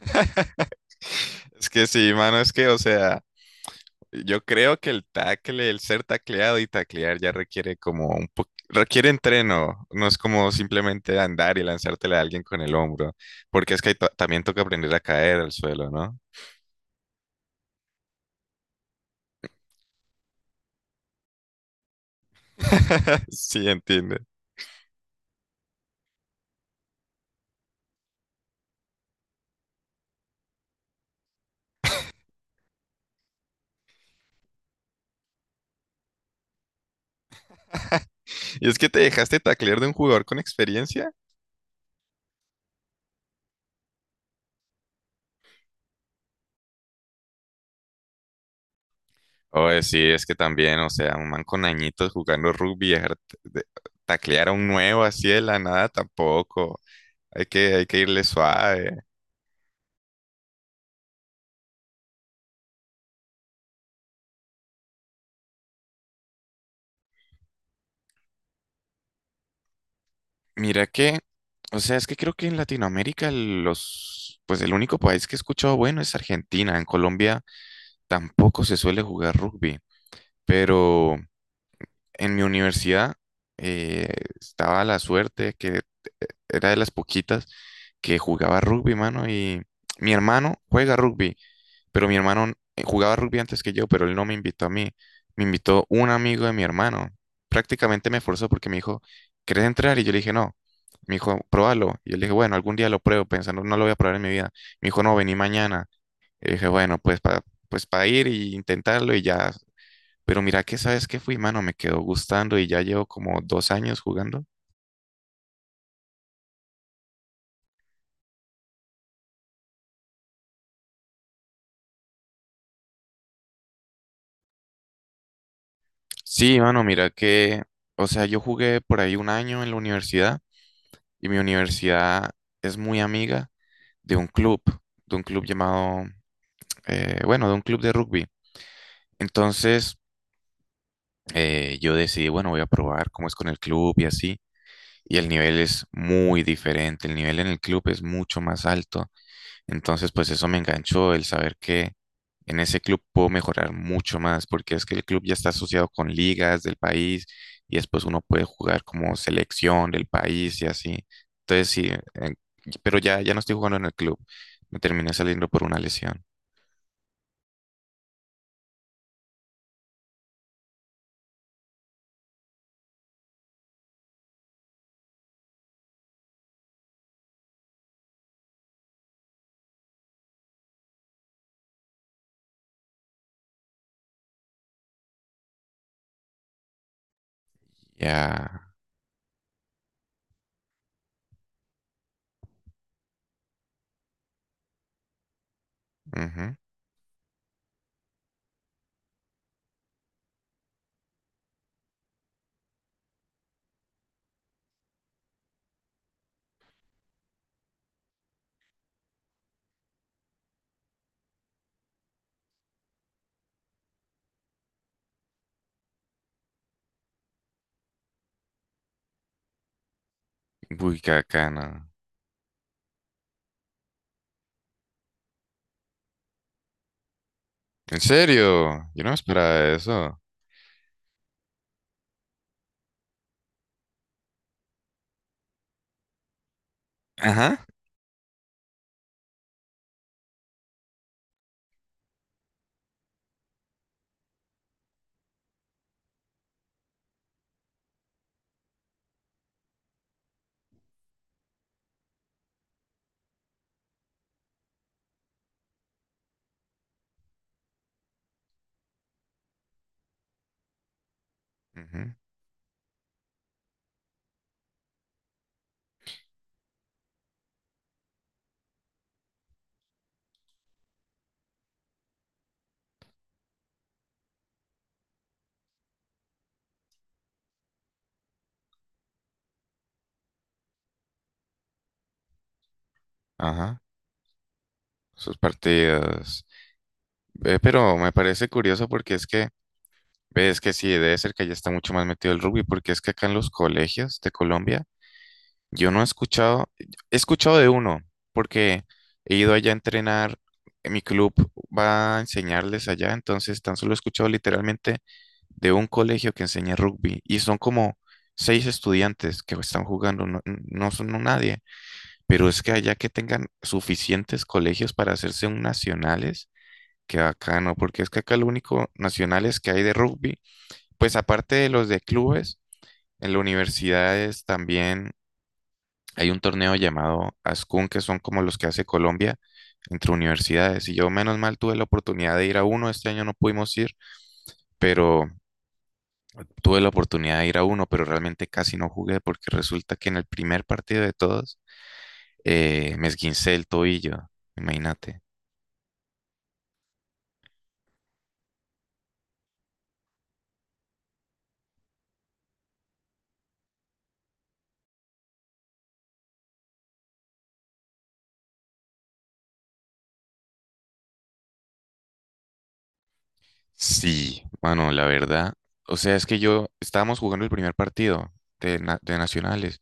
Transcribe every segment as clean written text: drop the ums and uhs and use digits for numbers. Es que sí, mano, es que, o sea, yo creo que el tackle, el ser tacleado y taclear ya requiere como un poco, requiere entreno, no es como simplemente andar y lanzártela a alguien con el hombro, porque es que también toca aprender a caer al suelo, ¿no? Sí, entiende. ¿Y es que te dejaste taclear de un jugador con experiencia? Oye, sí, es que también, o sea, un man con añitos jugando rugby, dejar taclear a un nuevo así de la nada tampoco. Hay que irle suave. Mira que, o sea, es que creo que en Latinoamérica los, pues el único país que he escuchado bueno es Argentina. En Colombia tampoco se suele jugar rugby, pero en mi universidad eh, estaba la suerte que era de las poquitas que jugaba rugby, mano, y mi hermano juega rugby pero mi hermano jugaba rugby antes que yo, pero él no me invitó a mí. Me invitó un amigo de mi hermano. Prácticamente me forzó porque me dijo, ¿querés entrar? Y yo le dije, no. Me dijo, pruébalo. Y yo le dije, bueno, algún día lo pruebo, pensando, no lo voy a probar en mi vida. Me dijo, no, vení mañana. Y dije, bueno, pues para ir y intentarlo y ya. Pero mira que sabes que fui, mano, me quedó gustando y ya llevo como 2 años jugando. Sí, mano, mira que, o sea, yo jugué por ahí un año en la universidad y mi universidad es muy amiga de un club, de un club llamado, bueno, de un club de rugby. Entonces, yo decidí, bueno, voy a probar cómo es con el club y así. Y el nivel es muy diferente, el nivel en el club es mucho más alto. Entonces, pues eso me enganchó, el saber que en ese club puedo mejorar mucho más, porque es que el club ya está asociado con ligas del país y después uno puede jugar como selección del país y así. Entonces, sí, pero ya, ya no estoy jugando en el club, me terminé saliendo por una lesión. Ya. Ujú. Uy, qué bacana. ¿En serio? Yo no me esperaba eso. Ajá. Ujú. Ajá. Sus partidas. Ve, pero me parece curioso porque es que, ves que sí, debe ser que allá está mucho más metido el rugby, porque es que acá en los colegios de Colombia yo no he escuchado, he escuchado de uno, porque he ido allá a entrenar, mi club va a enseñarles allá, entonces tan solo he escuchado literalmente de un colegio que enseña rugby y son como seis estudiantes que están jugando, no, no son no nadie, pero es que allá que tengan suficientes colegios para hacerse un nacionales, que acá no, porque es que acá lo único nacionales que hay de rugby, pues aparte de los de clubes, en las universidades también hay un torneo llamado ASCUN, que son como los que hace Colombia entre universidades. Y yo, menos mal, tuve la oportunidad de ir a uno. Este año no pudimos ir, pero tuve la oportunidad de ir a uno, pero realmente casi no jugué porque resulta que en el primer partido de todos me esguincé el tobillo. Imagínate. Sí, bueno, la verdad. O sea, es que yo estábamos jugando el primer partido de, de nacionales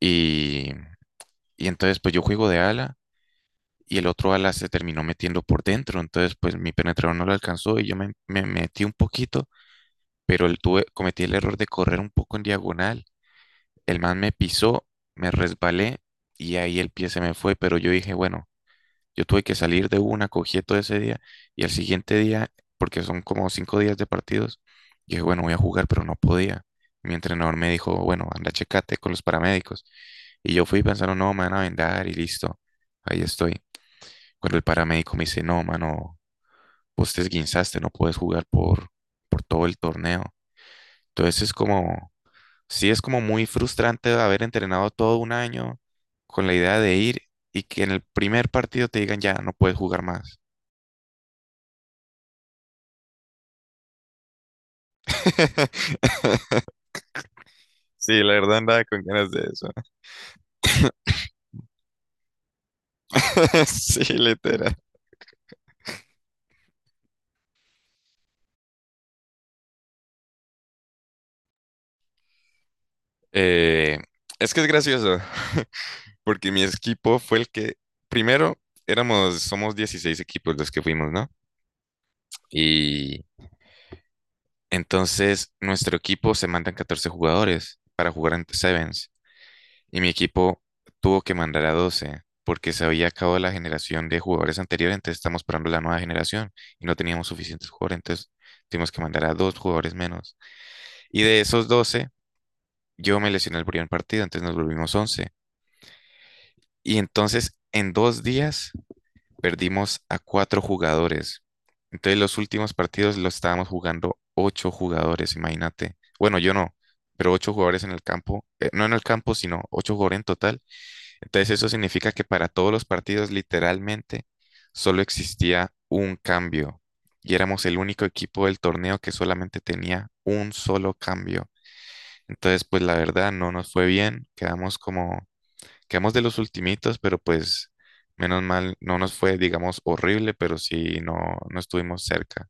y, y entonces pues yo juego de ala y el otro ala se terminó metiendo por dentro, entonces pues mi penetrador no lo alcanzó y yo me metí un poquito, pero cometí el error de correr un poco en diagonal, el man me pisó, me resbalé y ahí el pie se me fue, pero yo dije, bueno, yo tuve que salir de una, cogí todo ese día y al siguiente día, porque son como 5 días de partidos, dije, bueno, voy a jugar, pero no podía. Mi entrenador me dijo, bueno, anda, checate con los paramédicos. Y yo fui pensando, no, me van a vendar y listo, ahí estoy. Cuando el paramédico me dice, no, mano, vos te esguinzaste, no puedes jugar por todo el torneo. Entonces es como, sí es como muy frustrante haber entrenado todo un año con la idea de ir y que en el primer partido te digan, ya, no puedes jugar más. Sí, la verdad andaba con ganas de eso. Sí, literal. Eh, es que es gracioso, porque mi equipo fue el que, primero, éramos, somos 16 equipos los que fuimos, ¿no? Y entonces, nuestro equipo se mandan 14 jugadores para jugar en Sevens y mi equipo tuvo que mandar a 12 porque se había acabado la generación de jugadores anteriores, entonces estamos esperando la nueva generación y no teníamos suficientes jugadores, entonces tuvimos que mandar a dos jugadores menos. Y de esos 12 yo me lesioné el primer partido, entonces nos volvimos 11. Y entonces, en 2 días, perdimos a cuatro jugadores. Entonces los últimos partidos los estábamos jugando ocho jugadores, imagínate. Bueno, yo no, pero ocho jugadores en el campo, no en el campo, sino ocho jugadores en total. Entonces eso significa que para todos los partidos literalmente solo existía un cambio y éramos el único equipo del torneo que solamente tenía un solo cambio. Entonces, pues la verdad no nos fue bien, quedamos como quedamos de los ultimitos, pero pues menos mal, no nos fue, digamos, horrible, pero sí, no, no estuvimos cerca.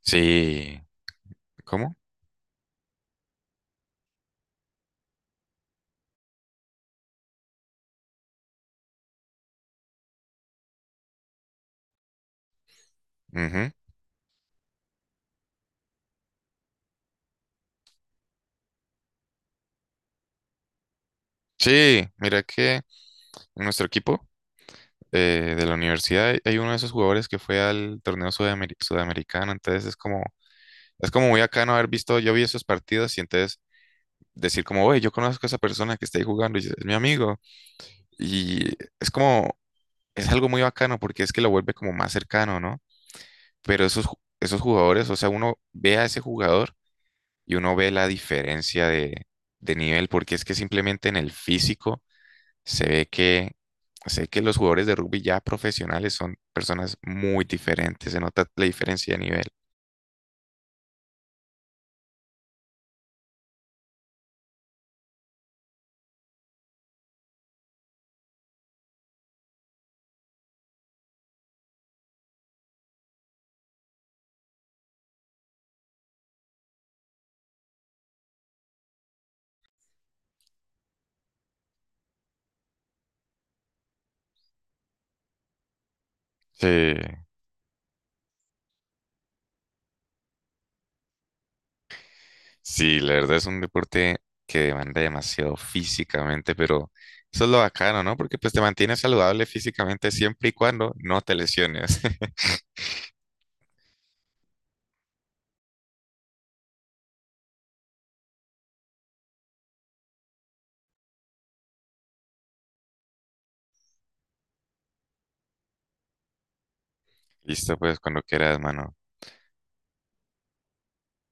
Sí, ¿cómo? Ujú. Sí, mira que en nuestro equipo de la universidad hay uno de esos jugadores que fue al torneo sudamericano, entonces es como muy acá no haber visto, yo vi esos partidos y entonces decir como, oye, yo conozco a esa persona que está ahí jugando y es mi amigo. Y es como, es algo muy bacano porque es que lo vuelve como más cercano, ¿no? Pero esos jugadores, o sea, uno ve a ese jugador y uno ve la diferencia de nivel, porque es que simplemente en el físico se ve que, sé que los jugadores de rugby ya profesionales son personas muy diferentes, se nota la diferencia de nivel. Sí, sí, la verdad es un deporte que demanda demasiado físicamente, pero eso es lo bacano, ¿no? Porque pues te mantienes saludable físicamente siempre y cuando no te lesiones. Listo, pues cuando quieras, mano.